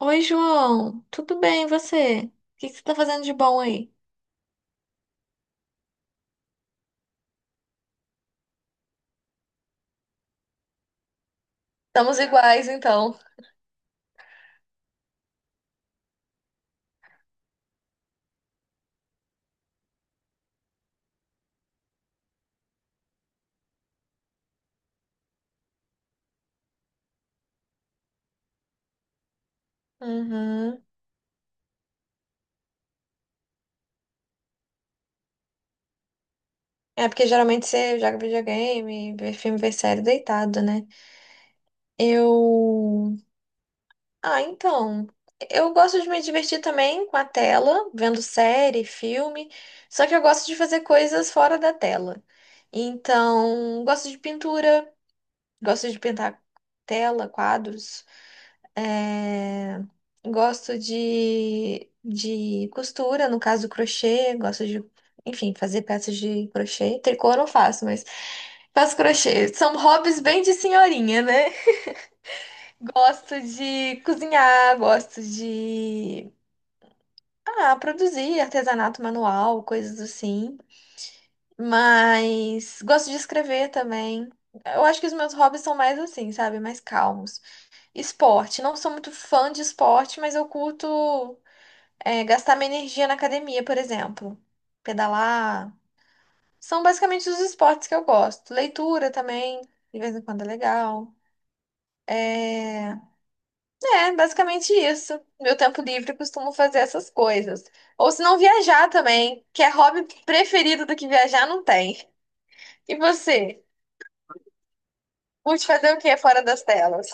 Oi, João. Tudo bem, e você? O que que você tá fazendo de bom aí? Estamos iguais, então. Uhum. É porque geralmente você joga videogame, vê filme, vê série deitado, né? Eu. Ah, então. Eu gosto de me divertir também com a tela, vendo série, filme. Só que eu gosto de fazer coisas fora da tela. Então, gosto de pintura, gosto de pintar tela, quadros. É, gosto de costura, no caso crochê, gosto de, enfim, fazer peças de crochê. Tricô eu não faço, mas faço crochê. São hobbies bem de senhorinha, né? Gosto de cozinhar, gosto de, produzir artesanato manual, coisas assim. Mas gosto de escrever também. Eu acho que os meus hobbies são mais assim, sabe? Mais calmos. Esporte. Não sou muito fã de esporte, mas eu curto. É, gastar minha energia na academia, por exemplo. Pedalar. São basicamente os esportes que eu gosto. Leitura também, de vez em quando é legal. É, é basicamente isso. Meu tempo livre eu costumo fazer essas coisas. Ou se não viajar também, que é hobby preferido do que viajar, não tem. E você? Curte fazer o que fora das telas?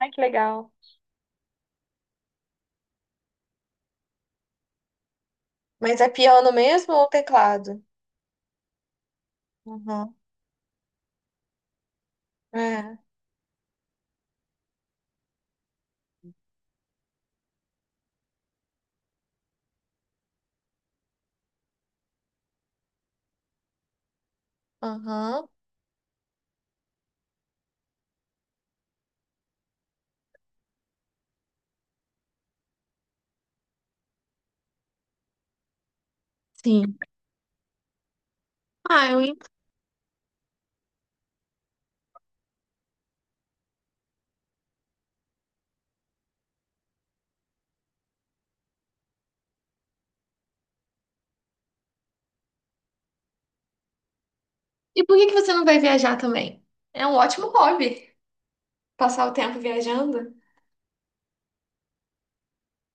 Ai, que legal. Mas é piano mesmo ou teclado? Uhum. É. Aham. Sim. Ah, eu E por que que você não vai viajar também? É um ótimo hobby, passar o tempo viajando.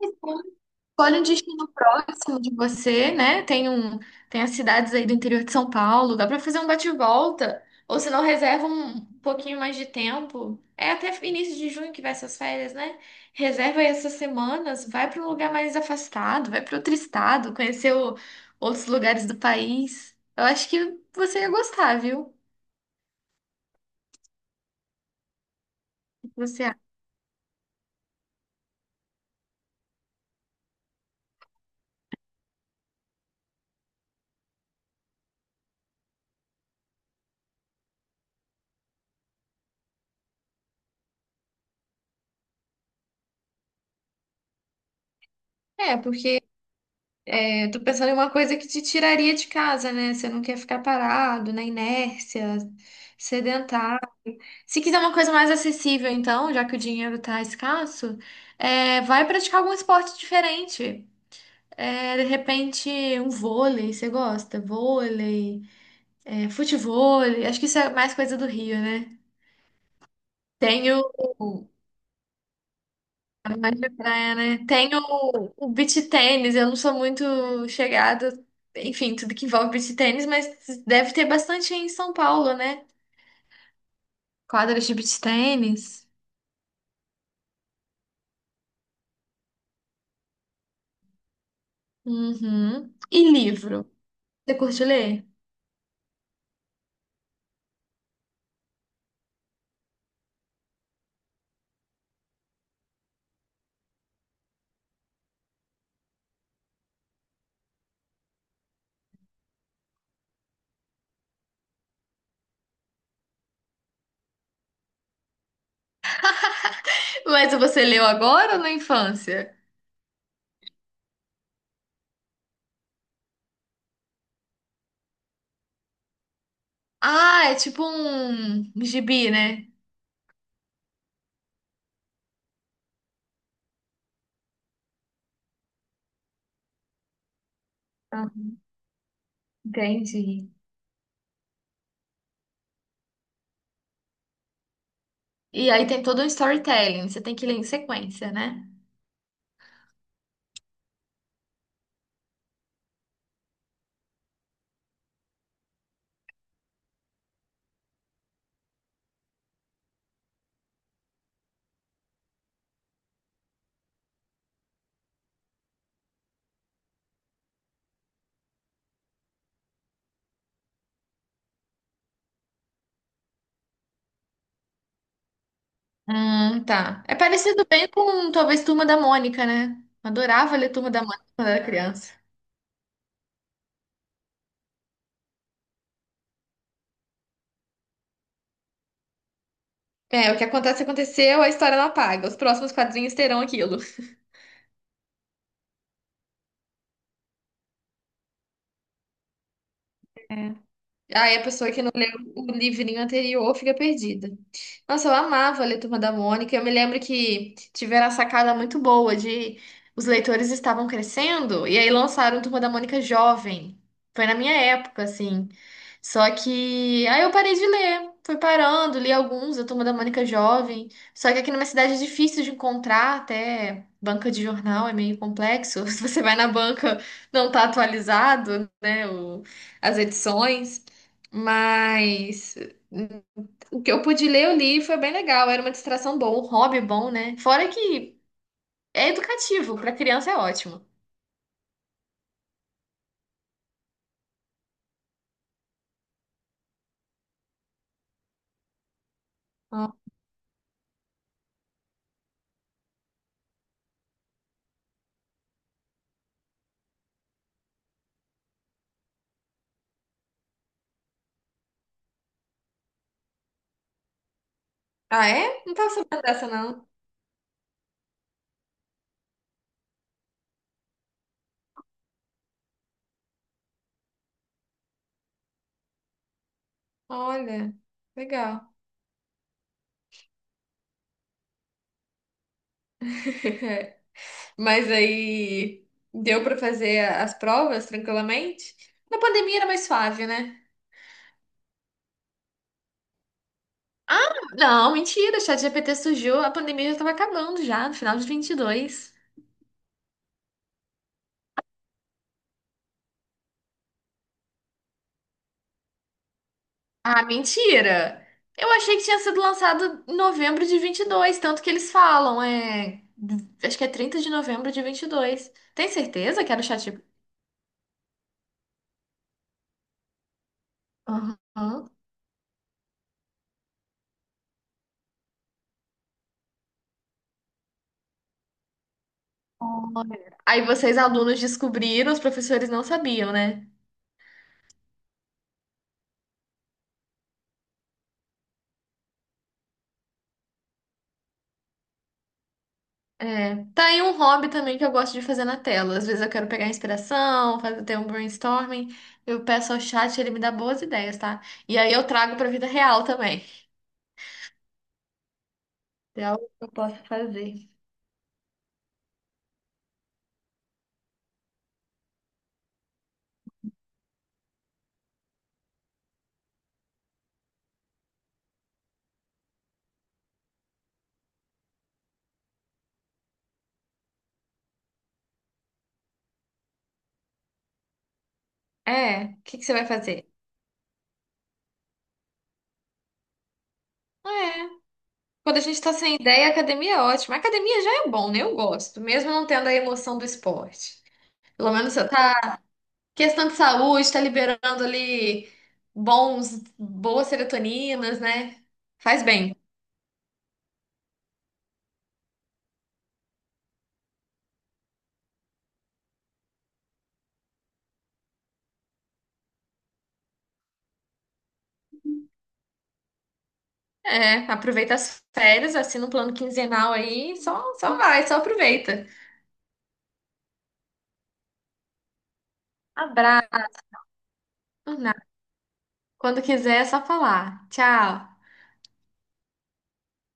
Então, escolhe um destino próximo de você, né? Tem as cidades aí do interior de São Paulo, dá pra fazer um bate-volta. Ou se não, reserva um pouquinho mais de tempo. É até início de junho que vai essas férias, né? Reserva aí essas semanas, vai pra um lugar mais afastado, vai pra outro estado, conhecer outros lugares do país. Eu acho que você ia gostar, viu? O que você acha? É, porque eu tô pensando em uma coisa que te tiraria de casa, né? Você não quer ficar parado na inércia, sedentário. Se quiser uma coisa mais acessível, então, já que o dinheiro tá escasso, é, vai praticar algum esporte diferente. É, de repente, um vôlei, você gosta? Vôlei, é, futevôlei. Acho que isso é mais coisa do Rio, né? Tenho. É mais de praia, né? Tem o beach tênis, eu não sou muito chegada, enfim, tudo que envolve beach tênis, mas deve ter bastante em São Paulo, né? Quadras de beach tênis. Uhum. E livro? Você curte ler? Mas você leu agora ou na infância? Ah, é tipo um gibi, né? Ah, entendi. E aí tem todo um storytelling, você tem que ler em sequência, né? Tá. É parecido bem com talvez Turma da Mônica, né? Adorava ler Turma da Mônica quando era criança. É, o que acontece, aconteceu, a história não apaga. Os próximos quadrinhos terão aquilo. Aí a pessoa que não leu o livrinho anterior fica perdida. Nossa, eu amava ler Turma da Mônica. Eu me lembro que tiveram a sacada muito boa de os leitores estavam crescendo e aí lançaram Turma da Mônica jovem. Foi na minha época, assim. Só que aí eu parei de ler. Fui parando, li alguns da Turma da Mônica jovem. Só que aqui na minha cidade é difícil de encontrar até banca de jornal, é meio complexo. Se você vai na banca, não tá atualizado, né, as edições. Mas o que eu pude ler, eu li e foi bem legal. Era uma distração boa, um hobby bom, né? Fora que é educativo, para criança é ótimo. Ah, Ah, é? Não tava sabendo dessa, não. Olha, legal. Mas aí deu para fazer as provas tranquilamente? Na pandemia era mais suave, né? Ah, não, mentira, o ChatGPT surgiu, a pandemia já estava acabando já, no final de vinte e dois. Ah, mentira! Eu achei que tinha sido lançado em novembro de 2022, tanto que eles falam, é. Acho que é 30 de novembro de 2022. Tem certeza que era o ChatGPT? Aham. Olha. Aí vocês, alunos, descobriram, os professores não sabiam, né? É. Tá aí um hobby também que eu gosto de fazer na tela. Às vezes eu quero pegar inspiração, fazer ter um brainstorming. Eu peço ao chat, ele me dá boas ideias, tá? E aí eu trago pra vida real também. É algo que eu posso fazer. É, o que que você vai fazer? É. Quando a gente tá sem ideia, a academia é ótima. A academia já é bom, né? Eu gosto, mesmo não tendo a emoção do esporte. Pelo menos você tá. Questão de saúde, tá liberando ali bons, boas serotoninas, né? Faz bem. É, aproveita as férias, assina um plano quinzenal aí, só, vai, só aproveita. Abraço, por nada. Quando quiser, é só falar. Tchau.